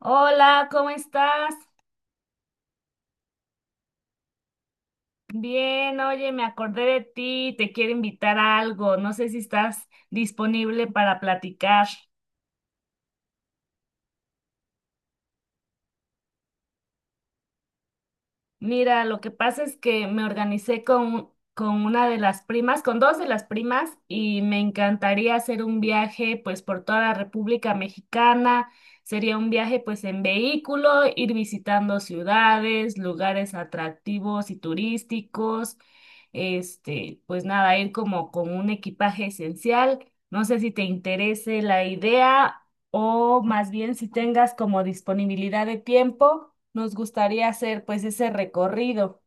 Hola, ¿cómo estás? Bien, oye, me acordé de ti, te quiero invitar a algo, no sé si estás disponible para platicar. Mira, lo que pasa es que me organicé con una de las primas, con dos de las primas, y me encantaría hacer un viaje pues por toda la República Mexicana. Sería un viaje pues en vehículo, ir visitando ciudades, lugares atractivos y turísticos. Este, pues nada, ir como con un equipaje esencial. No sé si te interese la idea o más bien si tengas como disponibilidad de tiempo, nos gustaría hacer pues ese recorrido.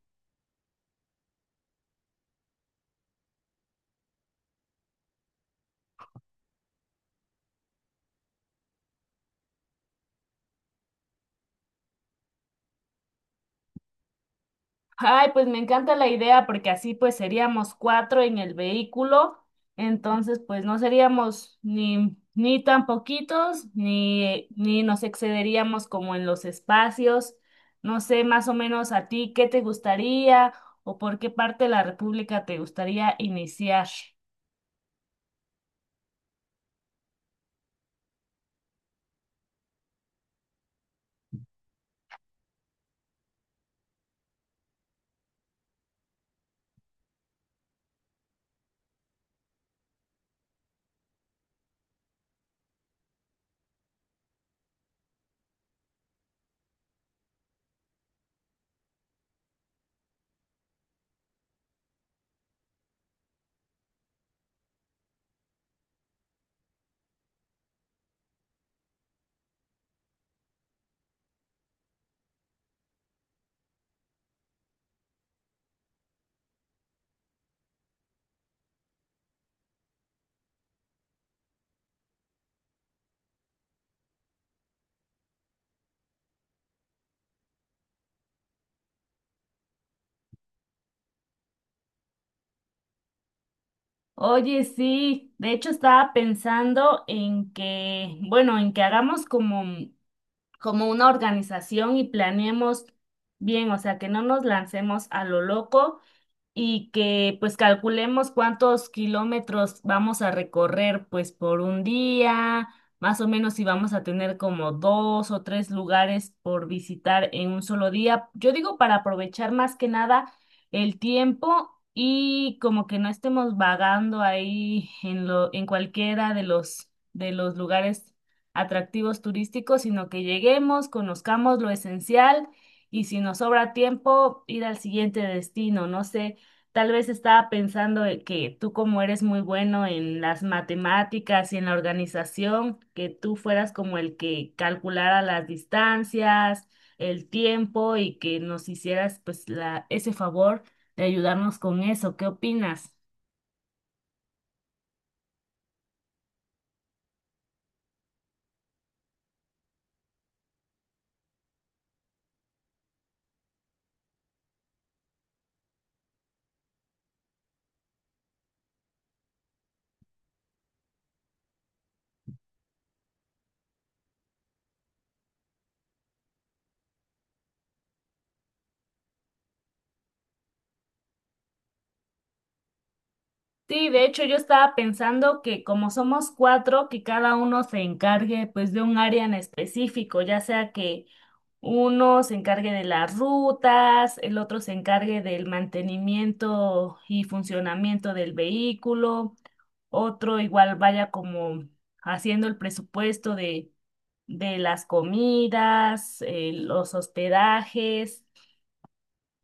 Ay, pues me encanta la idea porque así pues seríamos cuatro en el vehículo, entonces pues no seríamos ni tan poquitos ni nos excederíamos como en los espacios. No sé, más o menos a ti, ¿qué te gustaría o por qué parte de la República te gustaría iniciar? Oye, sí, de hecho estaba pensando en que, bueno, en que hagamos como una organización y planeemos bien, o sea, que no nos lancemos a lo loco, y que pues calculemos cuántos kilómetros vamos a recorrer pues por un día, más o menos si vamos a tener como dos o tres lugares por visitar en un solo día. Yo digo para aprovechar más que nada el tiempo y como que no estemos vagando ahí en cualquiera de los lugares atractivos turísticos, sino que lleguemos, conozcamos lo esencial y si nos sobra tiempo, ir al siguiente destino. No sé, tal vez estaba pensando en que tú como eres muy bueno en las matemáticas y en la organización, que tú fueras como el que calculara las distancias, el tiempo y que nos hicieras pues ese favor de ayudarnos con eso. ¿Qué opinas? Sí, de hecho yo estaba pensando que como somos cuatro, que cada uno se encargue pues de un área en específico, ya sea que uno se encargue de las rutas, el otro se encargue del mantenimiento y funcionamiento del vehículo, otro igual vaya como haciendo el presupuesto de las comidas, los hospedajes.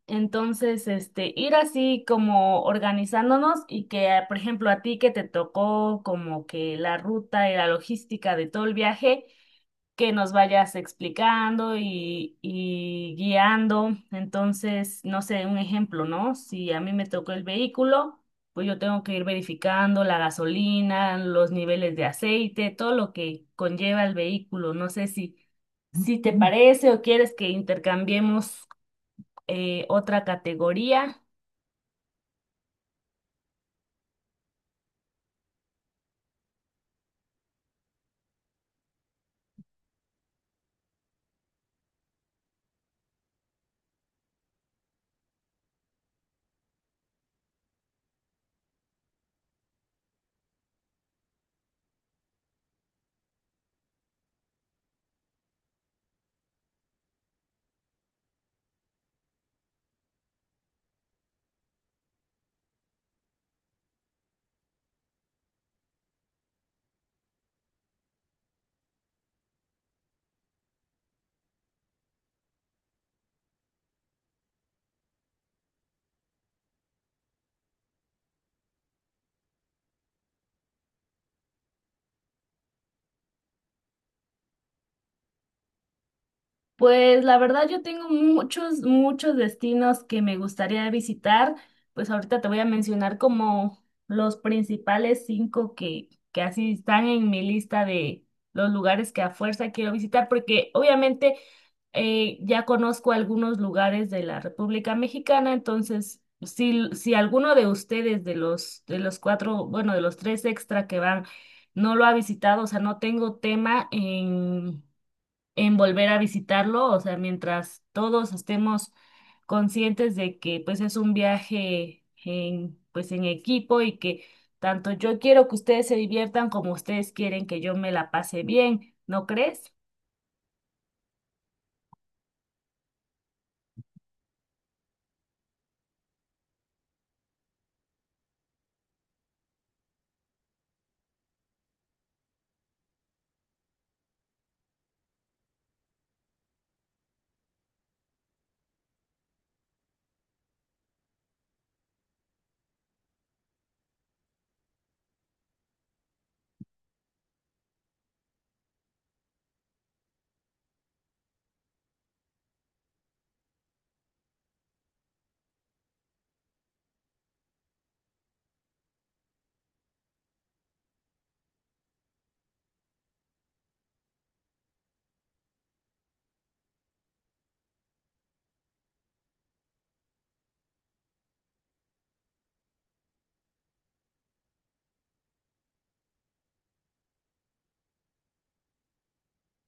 Entonces, este, ir así como organizándonos y que, ah, por ejemplo, a ti que te tocó como que la ruta y la logística de todo el viaje, que nos vayas explicando y guiando. Entonces, no sé, un ejemplo, ¿no? Si a mí me tocó el vehículo, pues yo tengo que ir verificando la gasolina, los niveles de aceite, todo lo que conlleva el vehículo. No sé si te, Ujú, parece, o quieres que intercambiemos otra categoría. Pues la verdad yo tengo muchos destinos que me gustaría visitar. Pues ahorita te voy a mencionar como los principales cinco que así están en mi lista de los lugares que a fuerza quiero visitar, porque obviamente ya conozco algunos lugares de la República Mexicana, entonces si, si alguno de ustedes, de los cuatro, bueno, de los tres extra que van, no lo ha visitado, o sea, no tengo tema en volver a visitarlo, o sea, mientras todos estemos conscientes de que pues es un viaje en pues en equipo y que tanto yo quiero que ustedes se diviertan como ustedes quieren que yo me la pase bien, ¿no crees?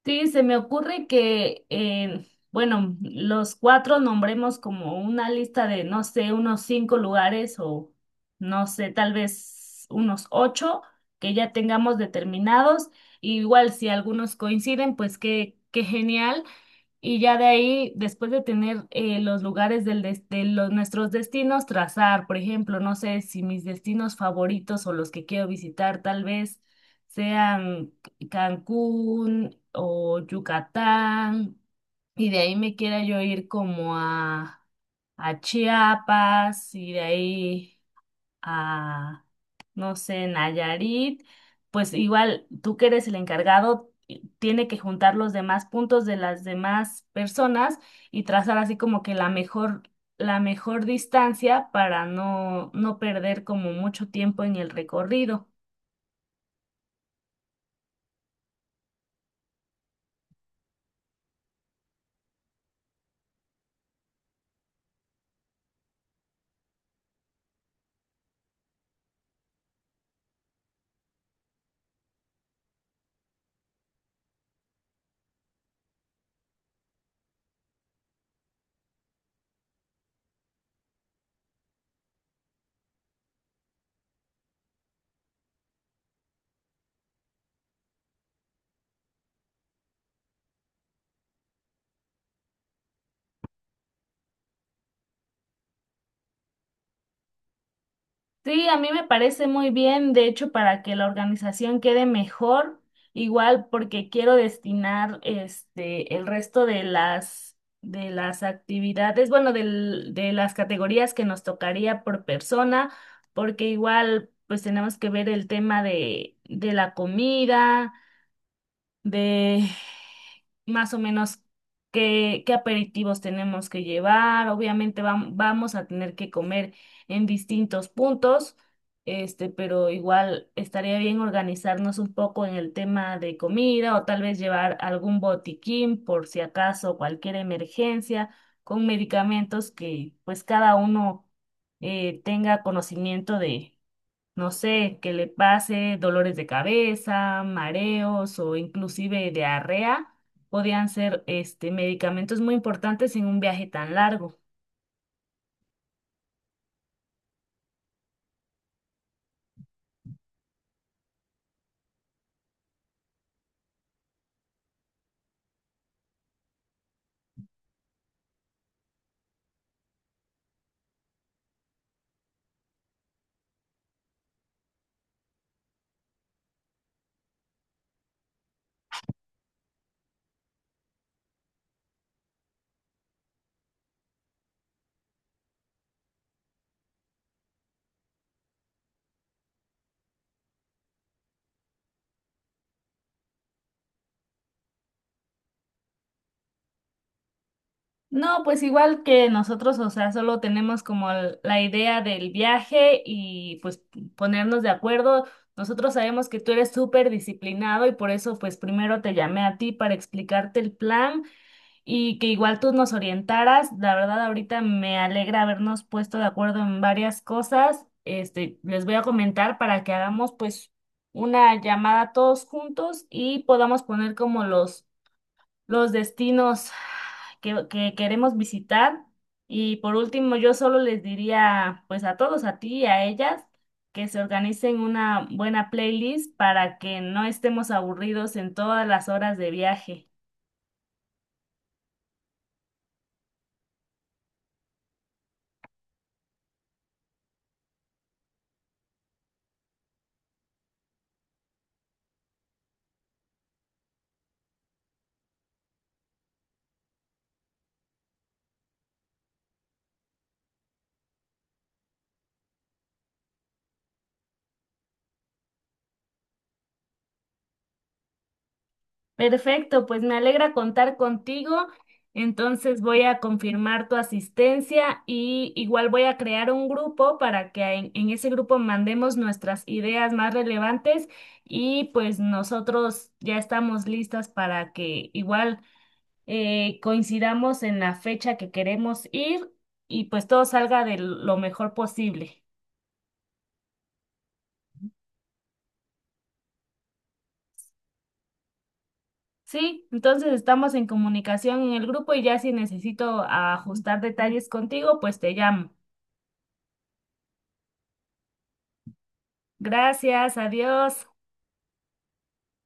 Sí, se me ocurre que, bueno, los cuatro nombremos como una lista de, no sé, unos cinco lugares o, no sé, tal vez unos ocho que ya tengamos determinados. Y igual si algunos coinciden, pues qué, qué genial. Y ya de ahí, después de tener los lugares de los, nuestros destinos, trazar, por ejemplo, no sé si mis destinos favoritos o los que quiero visitar tal vez sean Cancún o Yucatán, y de ahí me quiera yo ir como a Chiapas, y de ahí a, no sé, Nayarit, pues igual tú que eres el encargado, tiene que juntar los demás puntos de las demás personas y trazar así como que la mejor distancia para no, no perder como mucho tiempo en el recorrido. Sí, a mí me parece muy bien, de hecho, para que la organización quede mejor, igual porque quiero destinar este el resto de las actividades, bueno, de las categorías que nos tocaría por persona, porque igual pues tenemos que ver el tema de la comida, de más o menos qué, qué aperitivos tenemos que llevar. Obviamente vamos a tener que comer en distintos puntos, este, pero igual estaría bien organizarnos un poco en el tema de comida o tal vez llevar algún botiquín por si acaso cualquier emergencia con medicamentos que pues cada uno tenga conocimiento, no sé, que le pase dolores de cabeza, mareos o inclusive diarrea, podían ser este, medicamentos muy importantes en un viaje tan largo. No, pues igual que nosotros, o sea, solo tenemos como la idea del viaje y pues ponernos de acuerdo. Nosotros sabemos que tú eres súper disciplinado y por eso pues primero te llamé a ti para explicarte el plan y que igual tú nos orientaras. La verdad, ahorita me alegra habernos puesto de acuerdo en varias cosas. Este, les voy a comentar para que hagamos pues una llamada todos juntos y podamos poner como los destinos que queremos visitar. Y por último, yo solo les diría pues a todos, a ti y a ellas, que se organicen una buena playlist para que no estemos aburridos en todas las horas de viaje. Perfecto, pues me alegra contar contigo. Entonces voy a confirmar tu asistencia y igual voy a crear un grupo para que en ese grupo mandemos nuestras ideas más relevantes y pues nosotros ya estamos listas para que igual coincidamos en la fecha que queremos ir y pues todo salga de lo mejor posible. Sí, entonces estamos en comunicación en el grupo y ya si necesito ajustar detalles contigo, pues te llamo. Gracias, adiós.